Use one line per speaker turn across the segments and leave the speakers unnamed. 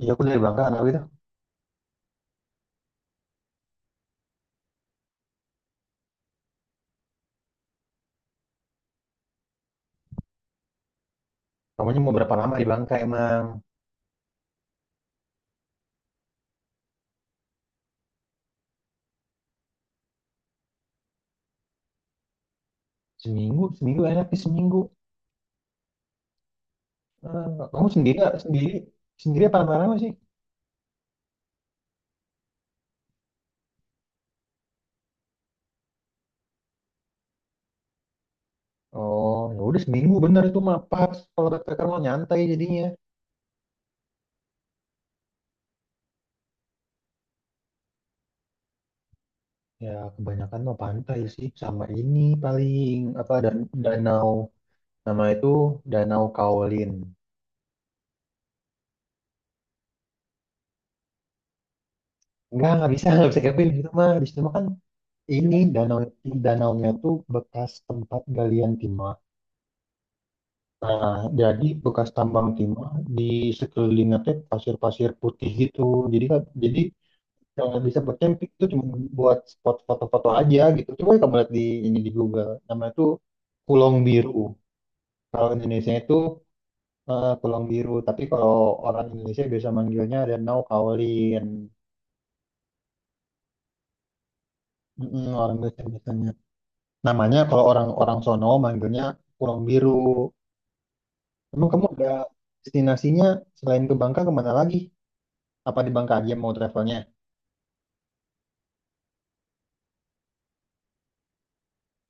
Iya aku dari Bangka anak itu. Kamunya mau berapa lama di Bangka emang? Seminggu, seminggu enak sih seminggu. Eh, kamu sendiri sendiri sendiri apa lama-lama sih? Oh ya udah seminggu bener itu mah pas. Kalau backpacker mau nyantai jadinya. Ya kebanyakan mau pantai sih sama ini paling apa dan danau nama itu Danau Kaolin. Enggak, nggak bisa camping di situ mah. Di situ mah kan ini danaunya tuh bekas tempat galian timah. Nah, jadi bekas tambang timah di sekelilingnya teh pasir-pasir putih gitu. Jadi yang bisa buat camping itu cuma buat spot foto-foto aja gitu. Coba kamu lihat di ini di Google, namanya itu Kulong Biru. Kalau Indonesia itu Kulong Biru, tapi kalau orang Indonesia biasa manggilnya Danau Kaolin. Orang Indonesia biasanya. Namanya kalau orang-orang sono manggilnya Kulong Biru. Emang kamu ada destinasinya selain ke Bangka kemana lagi? Apa di Bangka aja mau travelnya?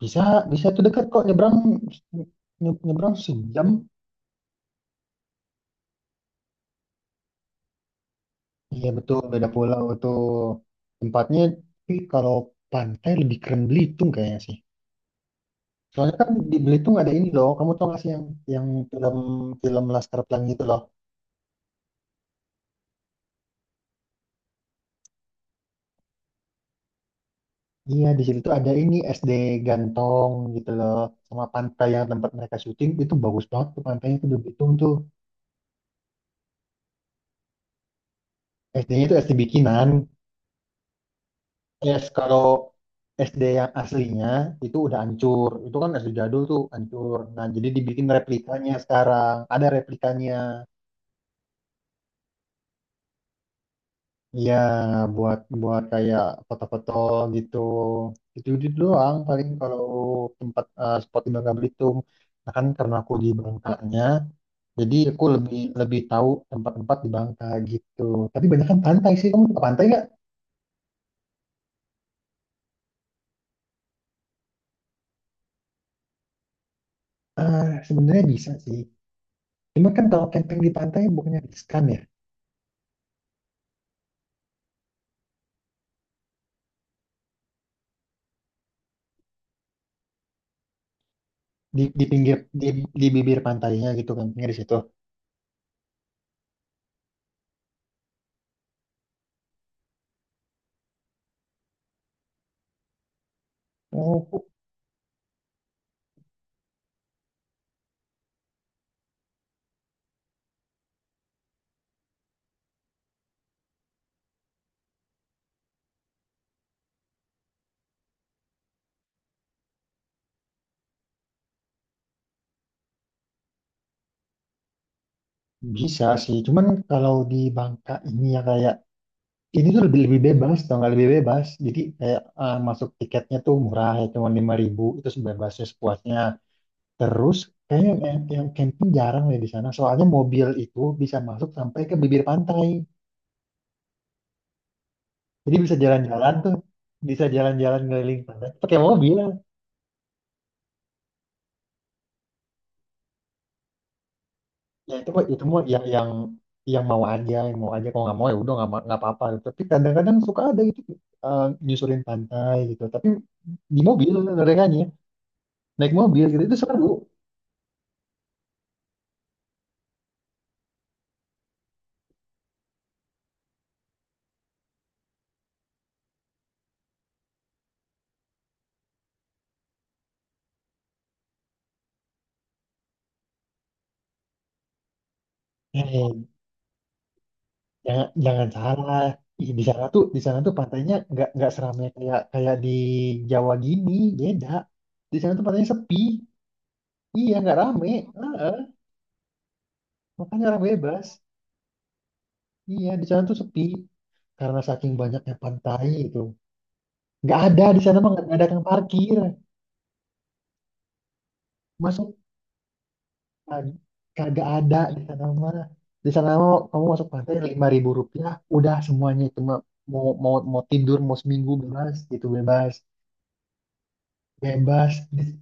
Bisa, bisa tuh dekat kok nyebrang nyebrang sejam. Iya betul, beda pulau tuh tempatnya. Tapi kalau pantai lebih keren Belitung kayaknya sih. Soalnya kan di Belitung ada ini loh. Kamu tau gak sih yang film film Laskar Pelangi itu loh. Iya di situ tuh ada ini SD Gantong gitu loh. Sama pantai yang tempat mereka syuting itu bagus banget tuh pantainya tuh di Belitung tuh. SD-nya itu SD bikinan. Yes, kalau SD yang aslinya itu udah hancur. Itu kan SD jadul tuh hancur. Nah, jadi dibikin replikanya sekarang. Ada replikanya. Iya, buat buat kayak foto-foto gitu. Itu doang paling kalau spot di Bangka Belitung. Nah, kan karena aku di Bangkanya, jadi aku lebih lebih tahu tempat-tempat di Bangka gitu. Tapi banyak kan pantai sih. Kamu ke pantai nggak? Ah, sebenarnya bisa sih. Cuma kan kalau camping di pantai bukannya riskan ya? Di pinggir di bibir pantainya gitu campingnya di situ. Oh, bisa sih, cuman kalau di Bangka ini ya kayak ini tuh lebih lebih bebas, tau nggak lebih bebas. Jadi kayak masuk tiketnya tuh murah ya, cuma 5.000 itu sebebasnya sepuasnya. Terus kayaknya yang camping jarang deh di sana, soalnya mobil itu bisa masuk sampai ke bibir pantai. Jadi bisa jalan-jalan tuh, bisa jalan-jalan ngeliling pantai pakai mobil. Ya itu mah yang mau aja yang mau aja kalau nggak mau ya udah nggak apa-apa gitu. Tapi kadang-kadang suka ada gitu nyusurin pantai gitu, tapi di mobil mereka naik mobil gitu itu seru. Eh, jangan jangan salah. Ih, di sana tuh pantainya nggak seramai kayak kayak di Jawa gini, beda, di sana tuh pantainya sepi, iya nggak rame. Heeh. Makanya orang bebas, iya di sana tuh sepi karena saking banyaknya pantai itu, nggak ada, di sana mah nggak ada kang parkir masuk. Ah, kagak ada di sana mah. Di sana mah kamu masuk pantai Rp5.000 udah semuanya, cuma mau mau mau tidur mau seminggu bebas gitu bebas bebas.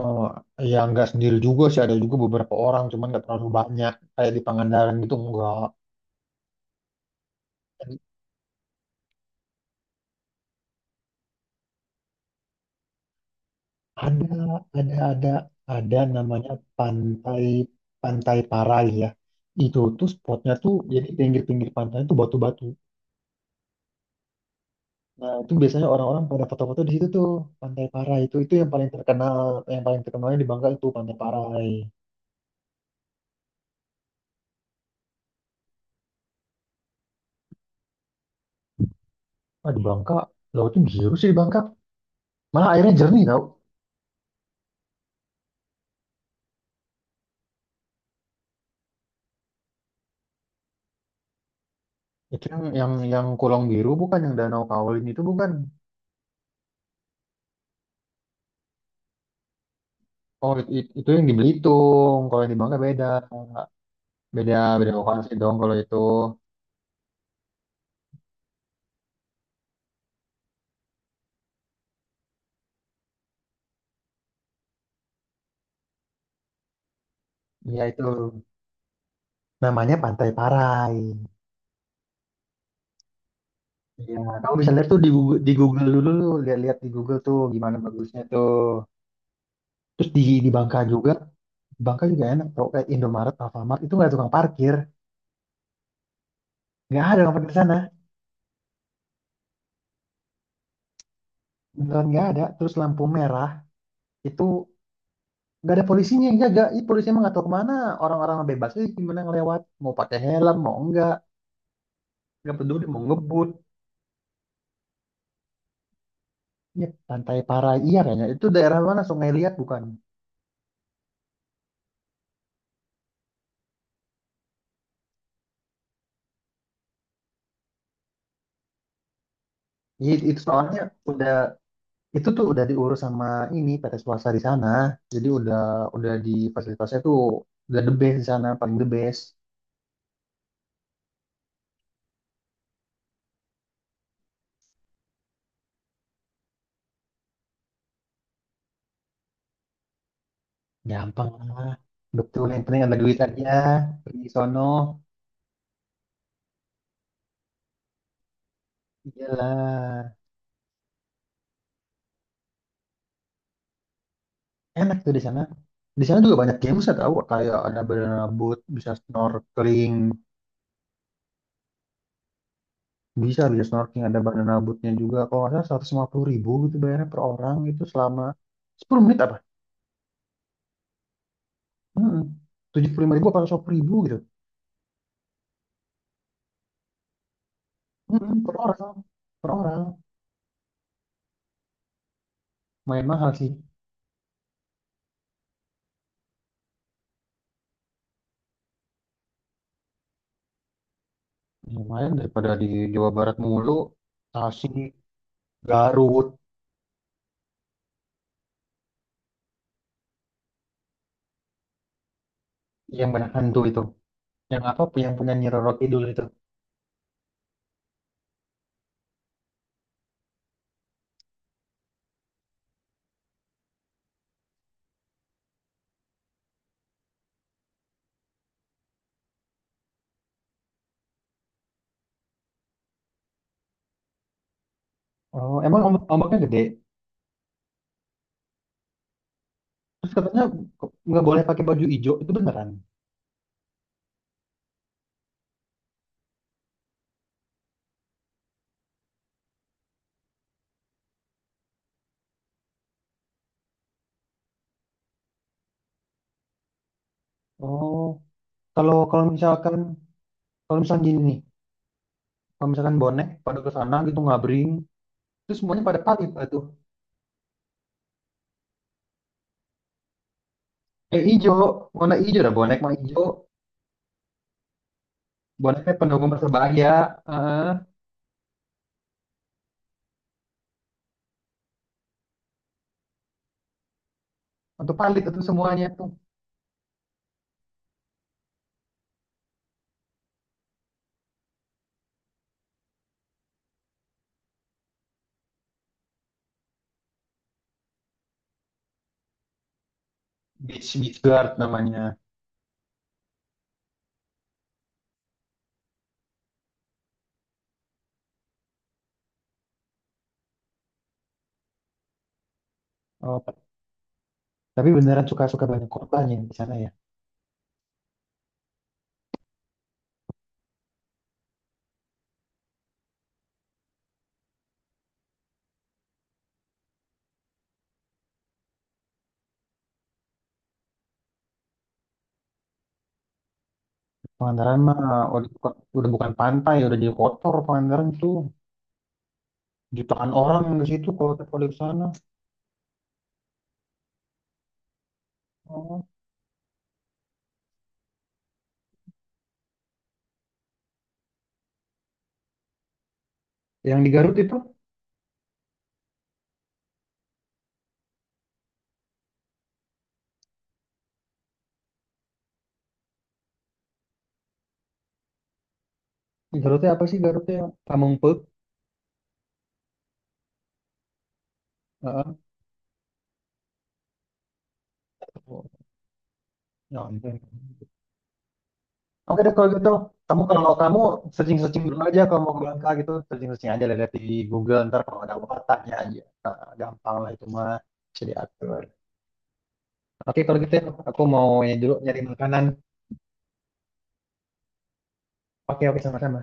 eh ya nggak sendiri juga sih, ada juga beberapa orang cuman nggak terlalu banyak kayak di Pangandaran gitu enggak. Ada ada ada ada namanya pantai Pantai Parai ya, itu tuh spotnya tuh jadi pinggir-pinggir pantai tuh batu-batu. Nah, itu biasanya orang-orang pada foto-foto di situ tuh, Pantai Parai itu yang paling terkenal, yang paling terkenalnya di Bangka itu Pantai Parai. Ah, di Bangka, lautnya biru sih di Bangka. Malah airnya jernih tau. Itu yang kolong biru bukan, yang Danau Kaolin itu bukan. Oh, itu yang di Belitung. Kalau yang di Bangka beda. Beda beda lokasi dong kalau itu. Iya itu. Namanya Pantai Parai. Iya, kamu bisa lihat tuh di Google dulu, lihat-lihat di Google tuh gimana bagusnya tuh. Terus di Bangka juga, Bangka juga enak tau, kayak Indomaret, Alfamart itu nggak ada tukang parkir, nggak ada orang parkir di sana, beneran nggak ada. Terus lampu merah itu nggak ada polisinya yang jaga, ini polisinya emang nggak tahu kemana, orang-orang bebas aja gimana ngelewat, mau pakai helm mau enggak, nggak peduli mau ngebut. Ya, Pantai Parai iya kayaknya itu daerah mana, Sungai Liat bukan? Iya, itu soalnya udah itu tuh udah diurus sama ini PT swasta di sana, jadi udah di fasilitasnya tuh udah the best di sana paling the best. Gampang lah. Betul, yang penting ada duit aja. Pergi sono. Iyalah. Enak tuh di sana. Di sana juga banyak games saya tahu. Kayak ada banana boat, bisa snorkeling. Bisa, bisa snorkeling. Ada banana boatnya juga. Kalau nggak salah 150.000 gitu bayarnya per orang. Itu selama 10 menit apa? Mm-mm. 75.000 atau 100 ribu gitu. Mm-mm, per orang. Per orang. Main mahal sih. Lumayan daripada di Jawa Barat mulu. Tasik, Garut. Yang banyak hantu itu. Yang apa yang punya Nyi Roro Kidul itu. Oh, emang ombaknya gede. Terus katanya nggak boleh pakai baju hijau itu beneran. Oh, kalau kalau misalkan gini nih, kalau misalkan bonek pada ke sana gitu ngabring, terus semuanya pada pamit lah tuh. Eh hijau, warna hijau dah bonek mah hijau. Boneknya pendukung Persebaya, eh untuk palit itu semuanya tuh. Beach Beach Guard namanya. Oh, tapi beneran suka-suka banyak kotanya di sana ya. Pangandaran mah udah bukan pantai, udah jadi kotor Pangandaran tuh. Jutaan orang yang ke situ kalau di sana. Oh. Yang di Garut itu, di Garutnya apa sih Garutnya? Kampung Peuk. Heeh. Oh, ya ampun. Oke deh kalau gitu, kalau kamu searching-searching dulu aja kalau mau ke Bangka gitu, searching-searching aja lihat di Google ntar kalau ada apa tanya aja. Nah, gampang lah itu mah bisa diatur. Oke kalau gitu ya, aku mau ini dulu nyari makanan. Oke oke sama-sama.